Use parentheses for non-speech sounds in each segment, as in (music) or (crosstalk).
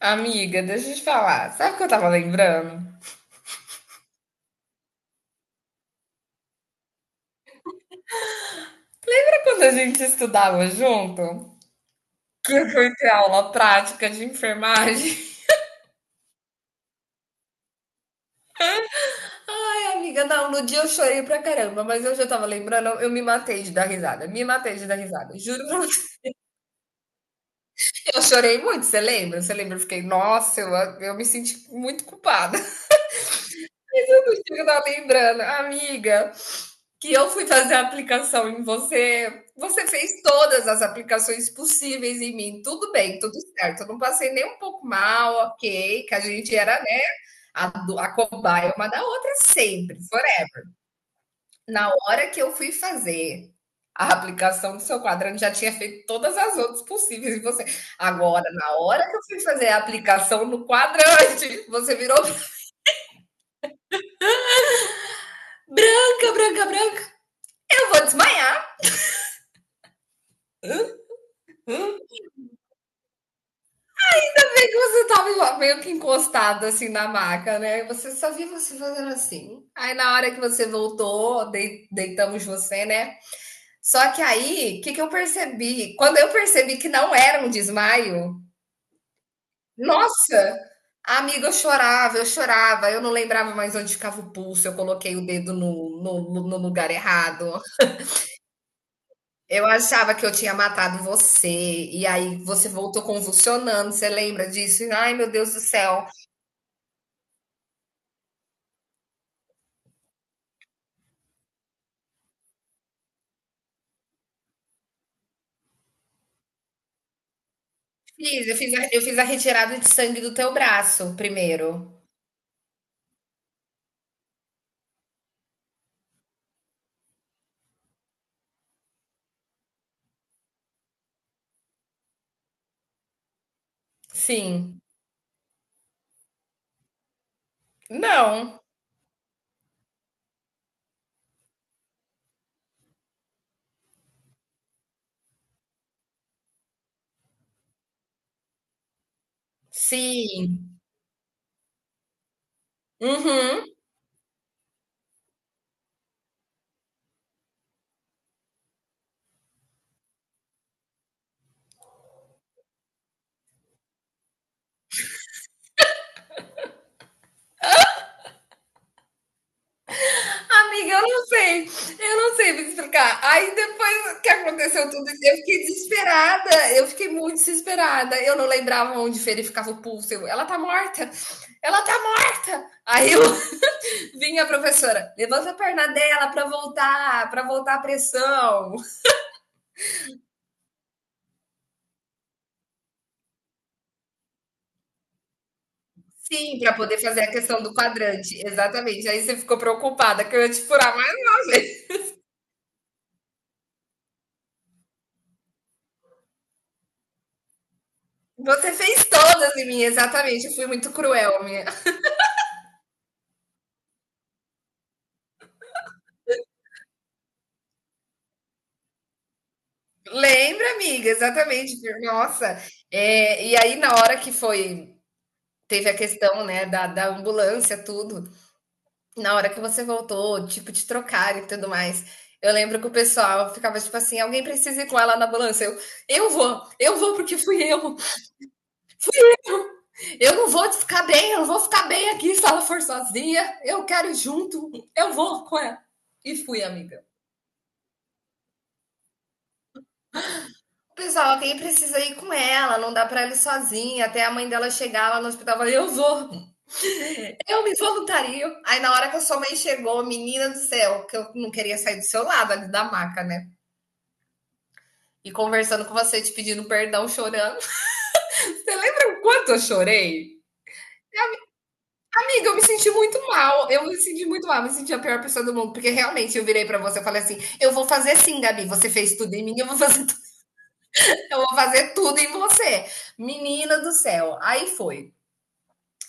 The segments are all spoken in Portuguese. Amiga, deixa eu te falar. Sabe o que eu tava lembrando? Sabe quando a gente estudava junto? Que eu fui ter aula prática de enfermagem? (laughs) Ai, amiga, não, no dia eu chorei pra caramba, mas hoje eu tava lembrando, eu me matei de dar risada. Me matei de dar risada. Juro pra você, eu chorei muito, você lembra? Você lembra? Eu fiquei, nossa, eu me senti muito culpada. (laughs) No eu tava lembrando. Amiga, que eu fui fazer a aplicação em você, você fez todas as aplicações possíveis em mim. Tudo bem, tudo certo. Eu não passei nem um pouco mal, ok, que a gente era, né, a cobaia uma da outra sempre. Porém, na hora que eu fui fazer a aplicação do seu quadrante, já tinha feito todas as outras possíveis em você. Agora, na hora que eu fui fazer a aplicação no quadrante, você virou branca, branca, branca. Eu vou desmaiar. Hum, que você tava meio que encostado assim na maca, né? E você só viu você fazendo assim. Aí na hora que você voltou, deitamos você, né? Só que aí, o que, que eu percebi? Quando eu percebi que não era um desmaio, nossa! Amiga, eu chorava, eu chorava, eu não lembrava mais onde ficava o pulso, eu coloquei o dedo no lugar errado. Eu achava que eu tinha matado você, e aí você voltou convulsionando, você lembra disso? Ai, meu Deus do céu. Fiz, eu fiz a retirada de sangue do teu braço primeiro. Sim. Não. Sim. Uhum. Amiga, eu não sei. Eu não sei me explicar. Aí depois que aconteceu tudo isso, eu fiquei desesperada. Eu fiquei muito desesperada. Eu não lembrava onde verificava o pulso. Eu, ela tá morta. Ela tá morta. Aí eu (laughs) vinha a professora, levanta a perna dela para voltar a pressão. Sim, para poder fazer a questão do quadrante, exatamente. Aí você ficou preocupada que eu ia te furar, mais uma vez. Você fez todas em mim, exatamente. Eu fui muito cruel, minha. Lembra, amiga, exatamente. Nossa. É, e aí, na hora que foi, teve a questão, né, da ambulância, tudo, na hora que você voltou, tipo, te trocar e tudo mais. Eu lembro que o pessoal ficava tipo assim: alguém precisa ir com ela na ambulância. Eu vou porque fui eu. Eu não vou ficar bem, eu não vou ficar bem aqui se ela for sozinha. Eu quero ir junto, eu vou com ela. E fui, amiga. Pessoal, quem precisa ir com ela, não dá pra ela ir sozinha. Até a mãe dela chegar lá no hospital, eu falei, eu vou, eu me voluntario. Aí na hora que a sua mãe chegou, menina do céu, que eu não queria sair do seu lado ali da maca, né? E conversando com você, te pedindo perdão, chorando. (laughs) Você lembra o quanto eu chorei? Amiga, eu me senti muito mal. Eu me senti muito mal, eu me senti a pior pessoa do mundo. Porque realmente eu virei pra você e falei assim: eu vou fazer sim, Gabi. Você fez tudo em mim, eu vou fazer, tu- (laughs) eu vou fazer tudo em você. Menina do céu. Aí foi.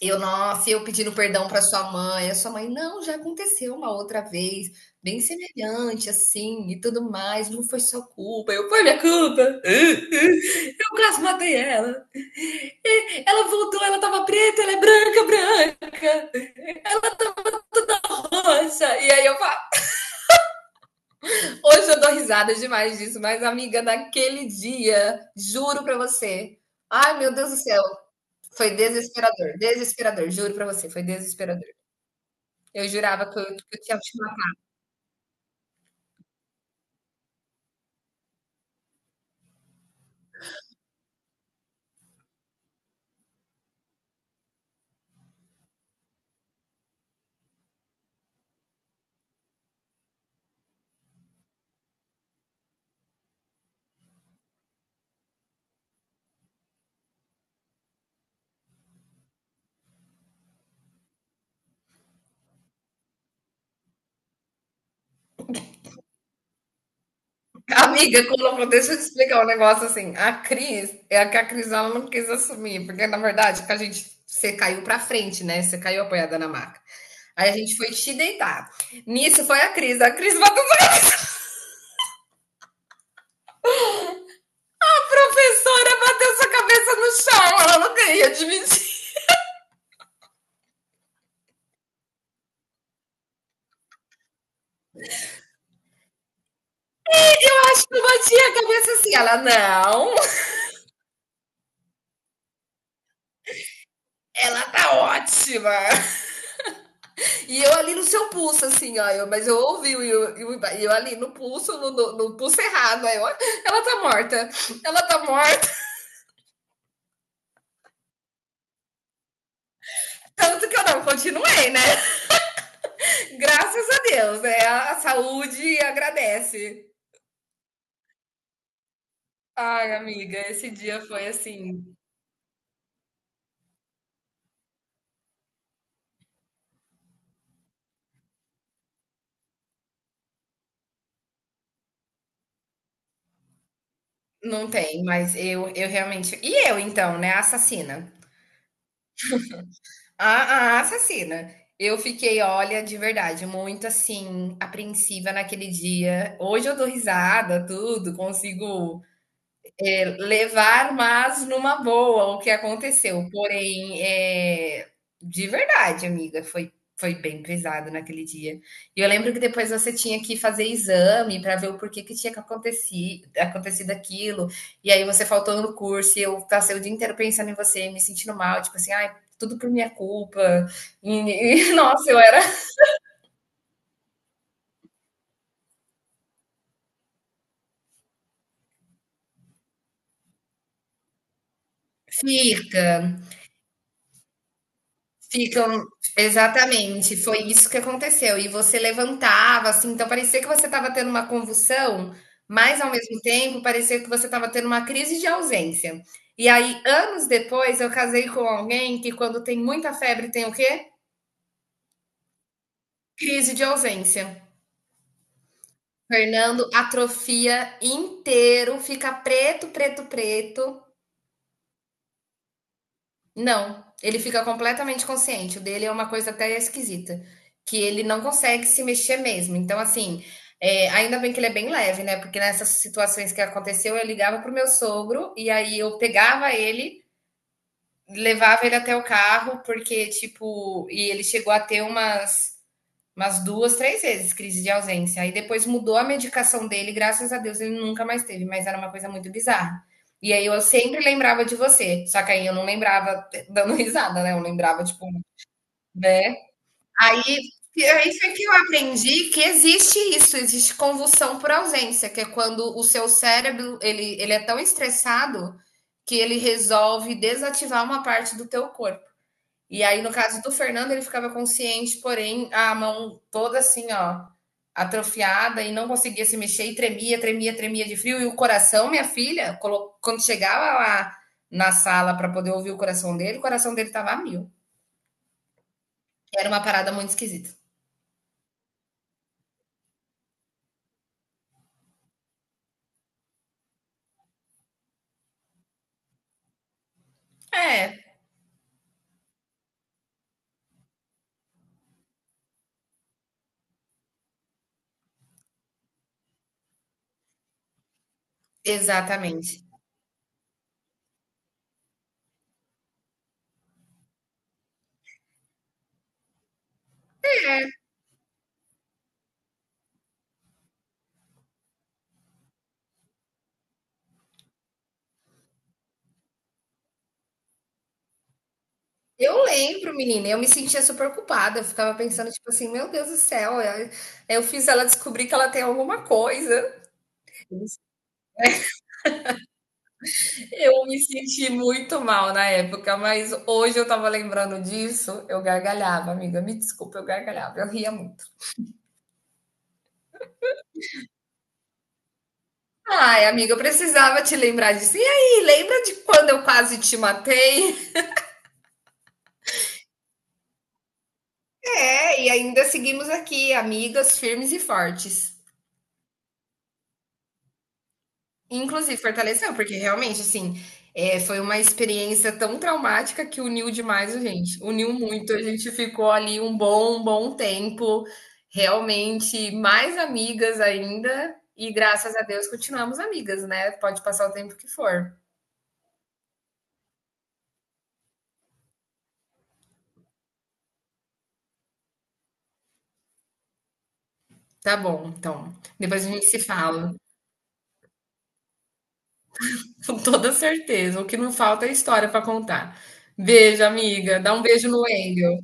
Eu, nossa, eu pedindo perdão pra sua mãe. A sua mãe, não, já aconteceu uma outra vez, bem semelhante, assim, e tudo mais. Não foi sua culpa. Eu, foi minha culpa. (laughs) Eu quase matei ela. Ela voltou, ela tava preta, ela é branca, branca, roxa. E aí eu, hoje eu dou risada demais disso, mas amiga, naquele dia, juro para você. Ai, meu Deus do céu, foi desesperador, desesperador, juro para você, foi desesperador. Eu jurava que eu tinha te matado. (laughs) Amiga, colocou, deixa eu te explicar um negócio assim. A Cris, é a que a Cris ela não quis assumir, porque na verdade que a gente você caiu para frente, né? Você caiu apoiada na maca. Aí a gente foi te deitar. Nisso foi a Cris. A Cris bateu a professora, bateu sua cabeça no chão. Ela não queria admitir. Acho que eu bati a cabeça assim. Ela, não, ela tá ótima. E eu ali no seu pulso, assim, ó. Mas eu ouvi, e eu ali no pulso, no pulso errado. Aí eu, ela tá morta, ela tá morta. Tanto que eu não continuei, né? Graças a Deus, né? A saúde agradece. Ai, amiga, esse dia foi assim. Não tem, mas eu realmente. E eu, então, né? Assassina. A assassina. Eu fiquei, olha, de verdade, muito, assim, apreensiva naquele dia. Hoje eu dou risada, tudo, consigo levar, mas numa boa, o que aconteceu. Porém, é de verdade, amiga, foi bem pesado naquele dia. E eu lembro que depois você tinha que fazer exame para ver o porquê que tinha que aconteci acontecido aquilo. E aí você faltou no curso e eu passei o dia inteiro pensando em você, me sentindo mal, tipo assim, ai, tudo por minha culpa. E, (laughs) e nossa, eu era fica, ficam, exatamente, foi isso que aconteceu. E você levantava, assim, então parecia que você estava tendo uma convulsão, mas ao mesmo tempo parecia que você estava tendo uma crise de ausência. E aí, anos depois, eu casei com alguém que, quando tem muita febre, tem o quê? Crise de ausência. Fernando atrofia inteiro, fica preto, preto, preto. Não, ele fica completamente consciente. O dele é uma coisa até esquisita, que ele não consegue se mexer mesmo. Então, assim, é, ainda bem que ele é bem leve, né? Porque nessas situações que aconteceu, eu ligava pro meu sogro e aí eu pegava ele, levava ele até o carro, porque, tipo, e ele chegou a ter umas umas duas, três vezes crise de ausência. Aí depois mudou a medicação dele, graças a Deus ele nunca mais teve, mas era uma coisa muito bizarra. E aí eu sempre lembrava de você, só que aí eu não lembrava (laughs) dando risada, né? Eu lembrava, tipo, né? Aí é isso que eu aprendi que existe isso, existe convulsão por ausência, que é quando o seu cérebro, ele é tão estressado que ele resolve desativar uma parte do teu corpo. E aí, no caso do Fernando, ele ficava consciente, porém, a mão toda assim, ó, atrofiada e não conseguia se mexer e tremia, tremia, tremia de frio. E o coração, minha filha, quando chegava lá na sala para poder ouvir o coração dele tava a mil. Era uma parada muito esquisita. É, exatamente. Eu lembro, menina, eu me sentia super culpada. Eu ficava pensando, tipo assim, meu Deus do céu, eu fiz ela descobrir que ela tem alguma coisa. Eu me senti muito mal na época, mas hoje eu tava lembrando disso, eu gargalhava, amiga. Me desculpa, eu gargalhava, eu ria muito. Ai, amiga, eu precisava te lembrar disso. E aí, lembra de quando eu quase te matei? É, e ainda seguimos aqui, amigas firmes e fortes. Inclusive fortaleceu, porque realmente, assim, foi uma experiência tão traumática que uniu demais a gente, uniu muito, a gente ficou ali um bom tempo, realmente mais amigas ainda, e graças a Deus continuamos amigas, né, pode passar o tempo que for. Tá bom, então, depois a gente se fala, (laughs) com toda certeza, o que não falta é história para contar. Beijo, amiga, dá um beijo no Engel.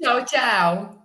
Tchau, tchau.